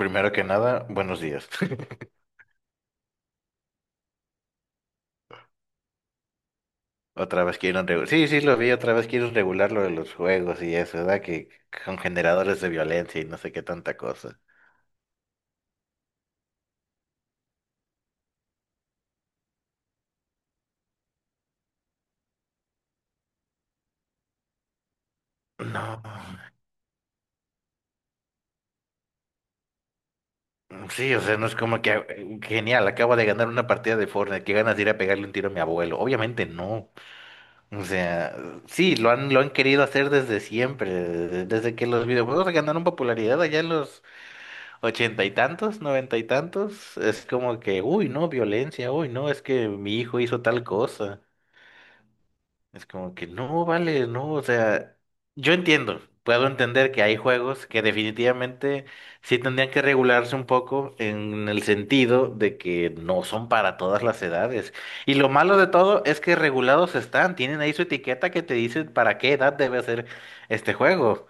Primero que nada, buenos días. Otra vez quieren regular. Sí, sí, lo vi, otra vez quieren regular lo de los juegos y eso, ¿verdad? Que con generadores de violencia y no sé qué tanta cosa. No, sí, o sea, no es como que genial, acabo de ganar una partida de Fortnite, qué ganas de ir a pegarle un tiro a mi abuelo. Obviamente no. O sea, sí, lo han querido hacer desde siempre, desde que los videojuegos ganaron popularidad allá en los ochenta y tantos, noventa y tantos, es como que, uy, no, violencia, uy, no, es que mi hijo hizo tal cosa. Es como que, no, vale, no, o sea, yo entiendo, puedo entender que hay juegos que definitivamente sí tendrían que regularse un poco en el sentido de que no son para todas las edades. Y lo malo de todo es que regulados están, tienen ahí su etiqueta que te dice para qué edad debe ser este juego.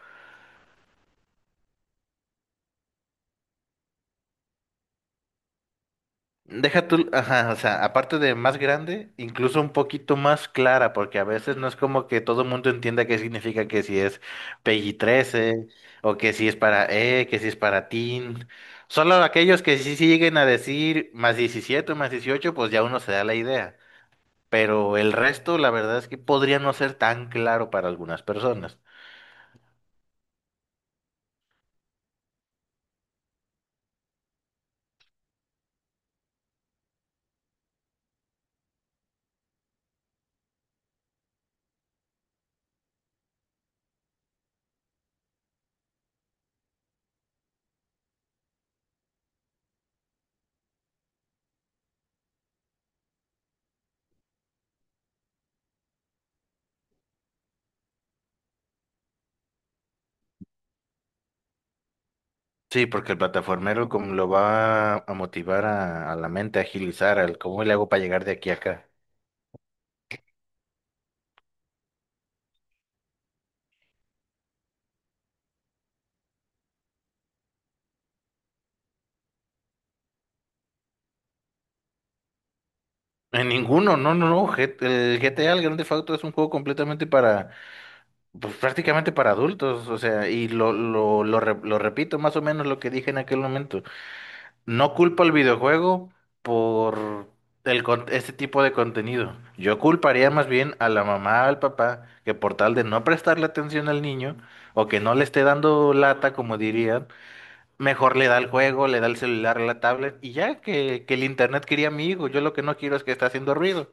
Deja tú, ajá, o sea, aparte de más grande, incluso un poquito más clara, porque a veces no es como que todo el mundo entienda qué significa que si es PG 13 o que si es para E, que si es para Teen. Solo aquellos que sí siguen a decir más 17 o más 18, pues ya uno se da la idea. Pero el resto, la verdad es que podría no ser tan claro para algunas personas. Sí, porque el plataformero como lo va a motivar a la mente a agilizar, al cómo le hago para llegar de aquí a acá. En ninguno, no, no, no. El GTA, el Grand Theft Auto, es un juego completamente para, pues, prácticamente para adultos, o sea, y lo repito más o menos lo que dije en aquel momento. No culpo al videojuego por este tipo de contenido. Yo culparía más bien a la mamá, al papá, que por tal de no prestarle atención al niño, o que no le esté dando lata, como dirían, mejor le da el juego, le da el celular, la tablet, y ya que el internet quería mi hijo. Yo lo que no quiero es que esté haciendo ruido.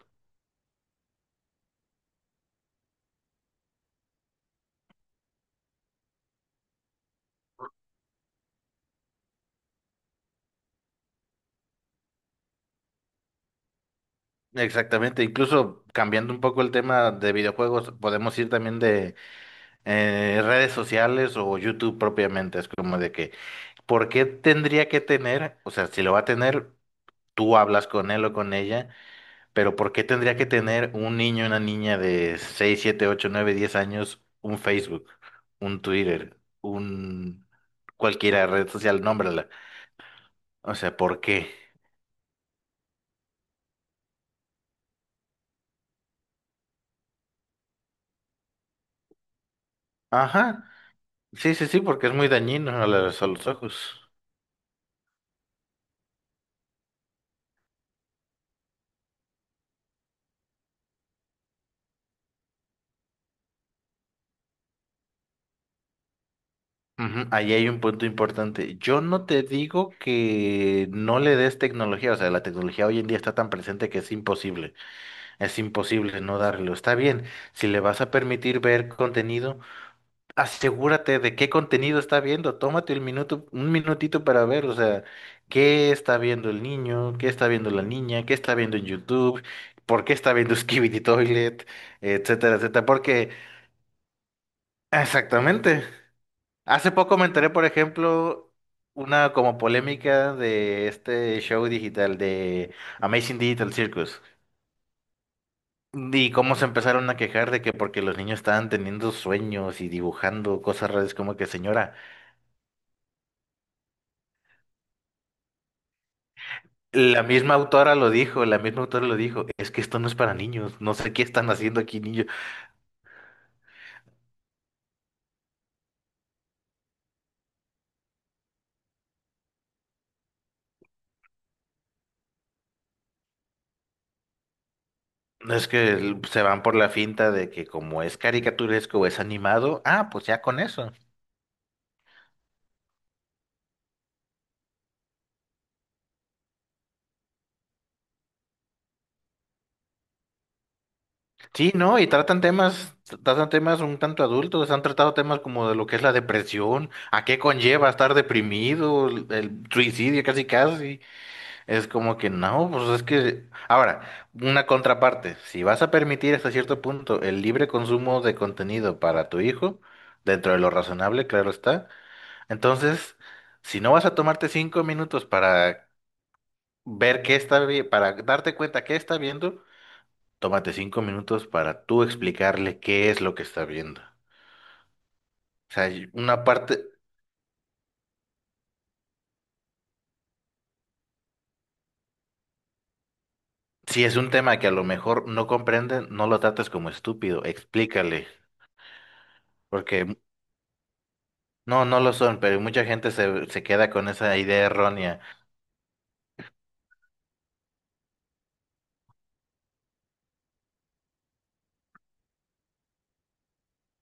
Exactamente, incluso cambiando un poco el tema de videojuegos, podemos ir también de redes sociales o YouTube propiamente, es como de que, ¿por qué tendría que tener, o sea, si lo va a tener, tú hablas con él o con ella, pero ¿por qué tendría que tener un niño, una niña de 6, 7, 8, 9, 10 años un Facebook, un Twitter, un cualquiera red social, nómbrala? O sea, ¿por qué? Ajá, sí, sí, sí, porque es muy dañino a los ojos. Ujú, ahí hay un punto importante. Yo no te digo que no le des tecnología, o sea, la tecnología hoy en día está tan presente que es imposible, no darlo. Está bien, si le vas a permitir ver contenido, asegúrate de qué contenido está viendo, tómate el minuto, un minutito para ver, o sea, qué está viendo el niño, qué está viendo la niña, qué está viendo en YouTube, por qué está viendo Skibidi Toilet, etcétera, etcétera, porque... Exactamente. Hace poco me enteré, por ejemplo, una como polémica de este show digital de Amazing Digital Circus. Y cómo se empezaron a quejar de que porque los niños estaban teniendo sueños y dibujando cosas raras, como que señora, la misma autora lo dijo, la misma autora lo dijo, es que esto no es para niños, no sé qué están haciendo aquí niños. No es que se van por la finta de que como es caricaturesco o es animado, ah, pues ya con eso. Sí, ¿no? Y tratan temas un tanto adultos, han tratado temas como de lo que es la depresión, a qué conlleva estar deprimido, el suicidio casi casi. Es como que no, pues es que... Ahora, una contraparte, si vas a permitir hasta cierto punto el libre consumo de contenido para tu hijo, dentro de lo razonable, claro está, entonces, si no vas a tomarte 5 minutos para ver qué está bien, para darte cuenta qué está viendo, tómate 5 minutos para tú explicarle qué es lo que está viendo. O sea, y una parte, si es un tema que a lo mejor no comprenden, no lo trates como estúpido, explícale, porque no, no lo son, pero mucha gente se queda con esa idea errónea.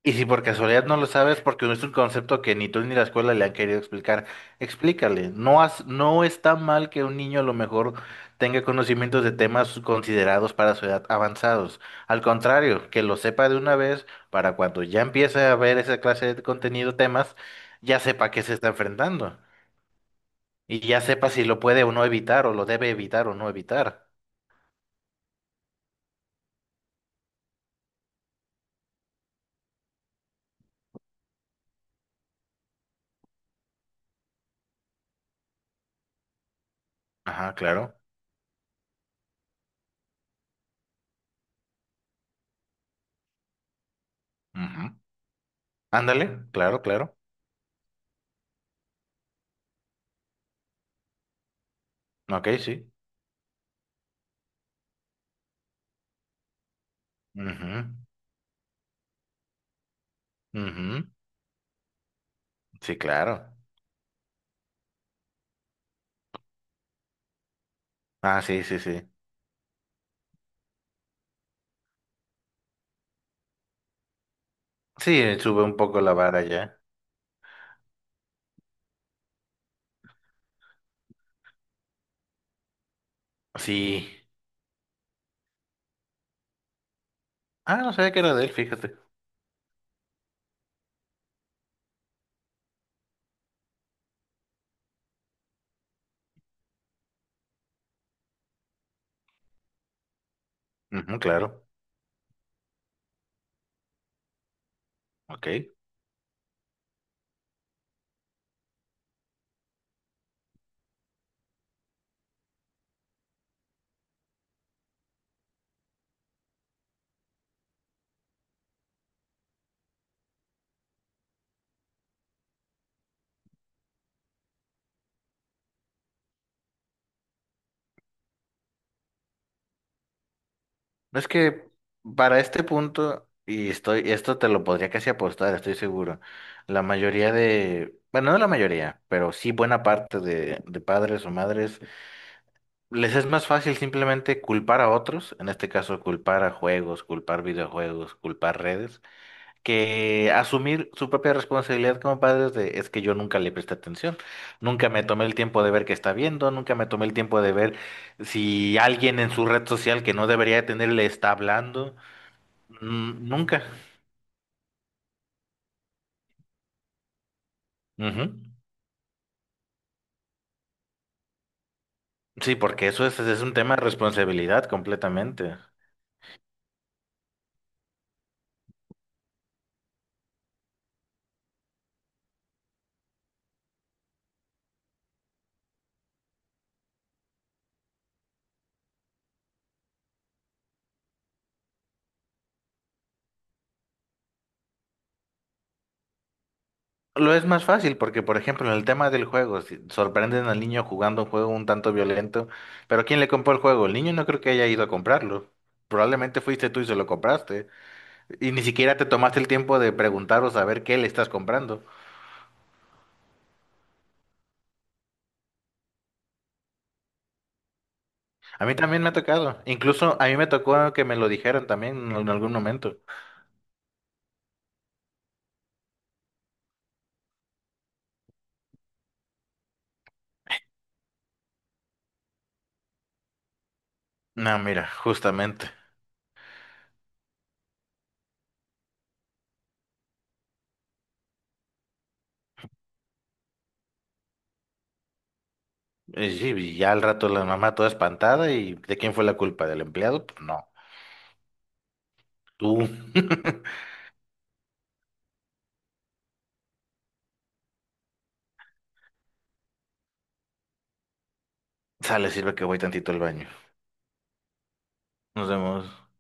Y si por casualidad no lo sabes, porque no es un concepto que ni tú ni la escuela le han querido explicar, explícale. No, no está mal que un niño a lo mejor tenga conocimientos de temas considerados para su edad avanzados. Al contrario, que lo sepa de una vez para cuando ya empiece a ver esa clase de contenido, temas, ya sepa a qué se está enfrentando. Y ya sepa si lo puede o no evitar, o lo debe evitar o no evitar. Ajá, claro. Ujú. Ándale, claro, claro. Ok, sí. Ujú, ujú. Sí, claro. Ah, sí, sí, sí. Sí, sube un poco la vara ya. Sí. Ah, no sabía que era de él, fíjate. Ujú, claro. Ok. Es que para este punto, y estoy, esto te lo podría casi apostar, estoy seguro. La mayoría de, bueno, no la mayoría, pero sí buena parte de padres o madres, les es más fácil simplemente culpar a otros, en este caso culpar a juegos, culpar videojuegos, culpar redes que asumir su propia responsabilidad como padres de, es que yo nunca le presté atención, nunca me tomé el tiempo de ver qué está viendo, nunca me tomé el tiempo de ver si alguien en su red social que no debería tener le está hablando. Mm, nunca. Ujú. Sí, porque eso es un tema de responsabilidad completamente. Lo es más fácil porque, por ejemplo, en el tema del juego, si sorprenden al niño jugando un juego un tanto violento, pero ¿quién le compró el juego? El niño no creo que haya ido a comprarlo. Probablemente fuiste tú y se lo compraste. Y ni siquiera te tomaste el tiempo de preguntar o saber qué le estás comprando. A mí también me ha tocado. Incluso a mí me tocó que me lo dijeran también en algún momento. No, mira, justamente. Y sí, y ya al rato la mamá toda espantada y ¿de quién fue la culpa? ¿Del empleado? Pues no. Tú. Sale, sirve que voy tantito al baño. Nos vemos.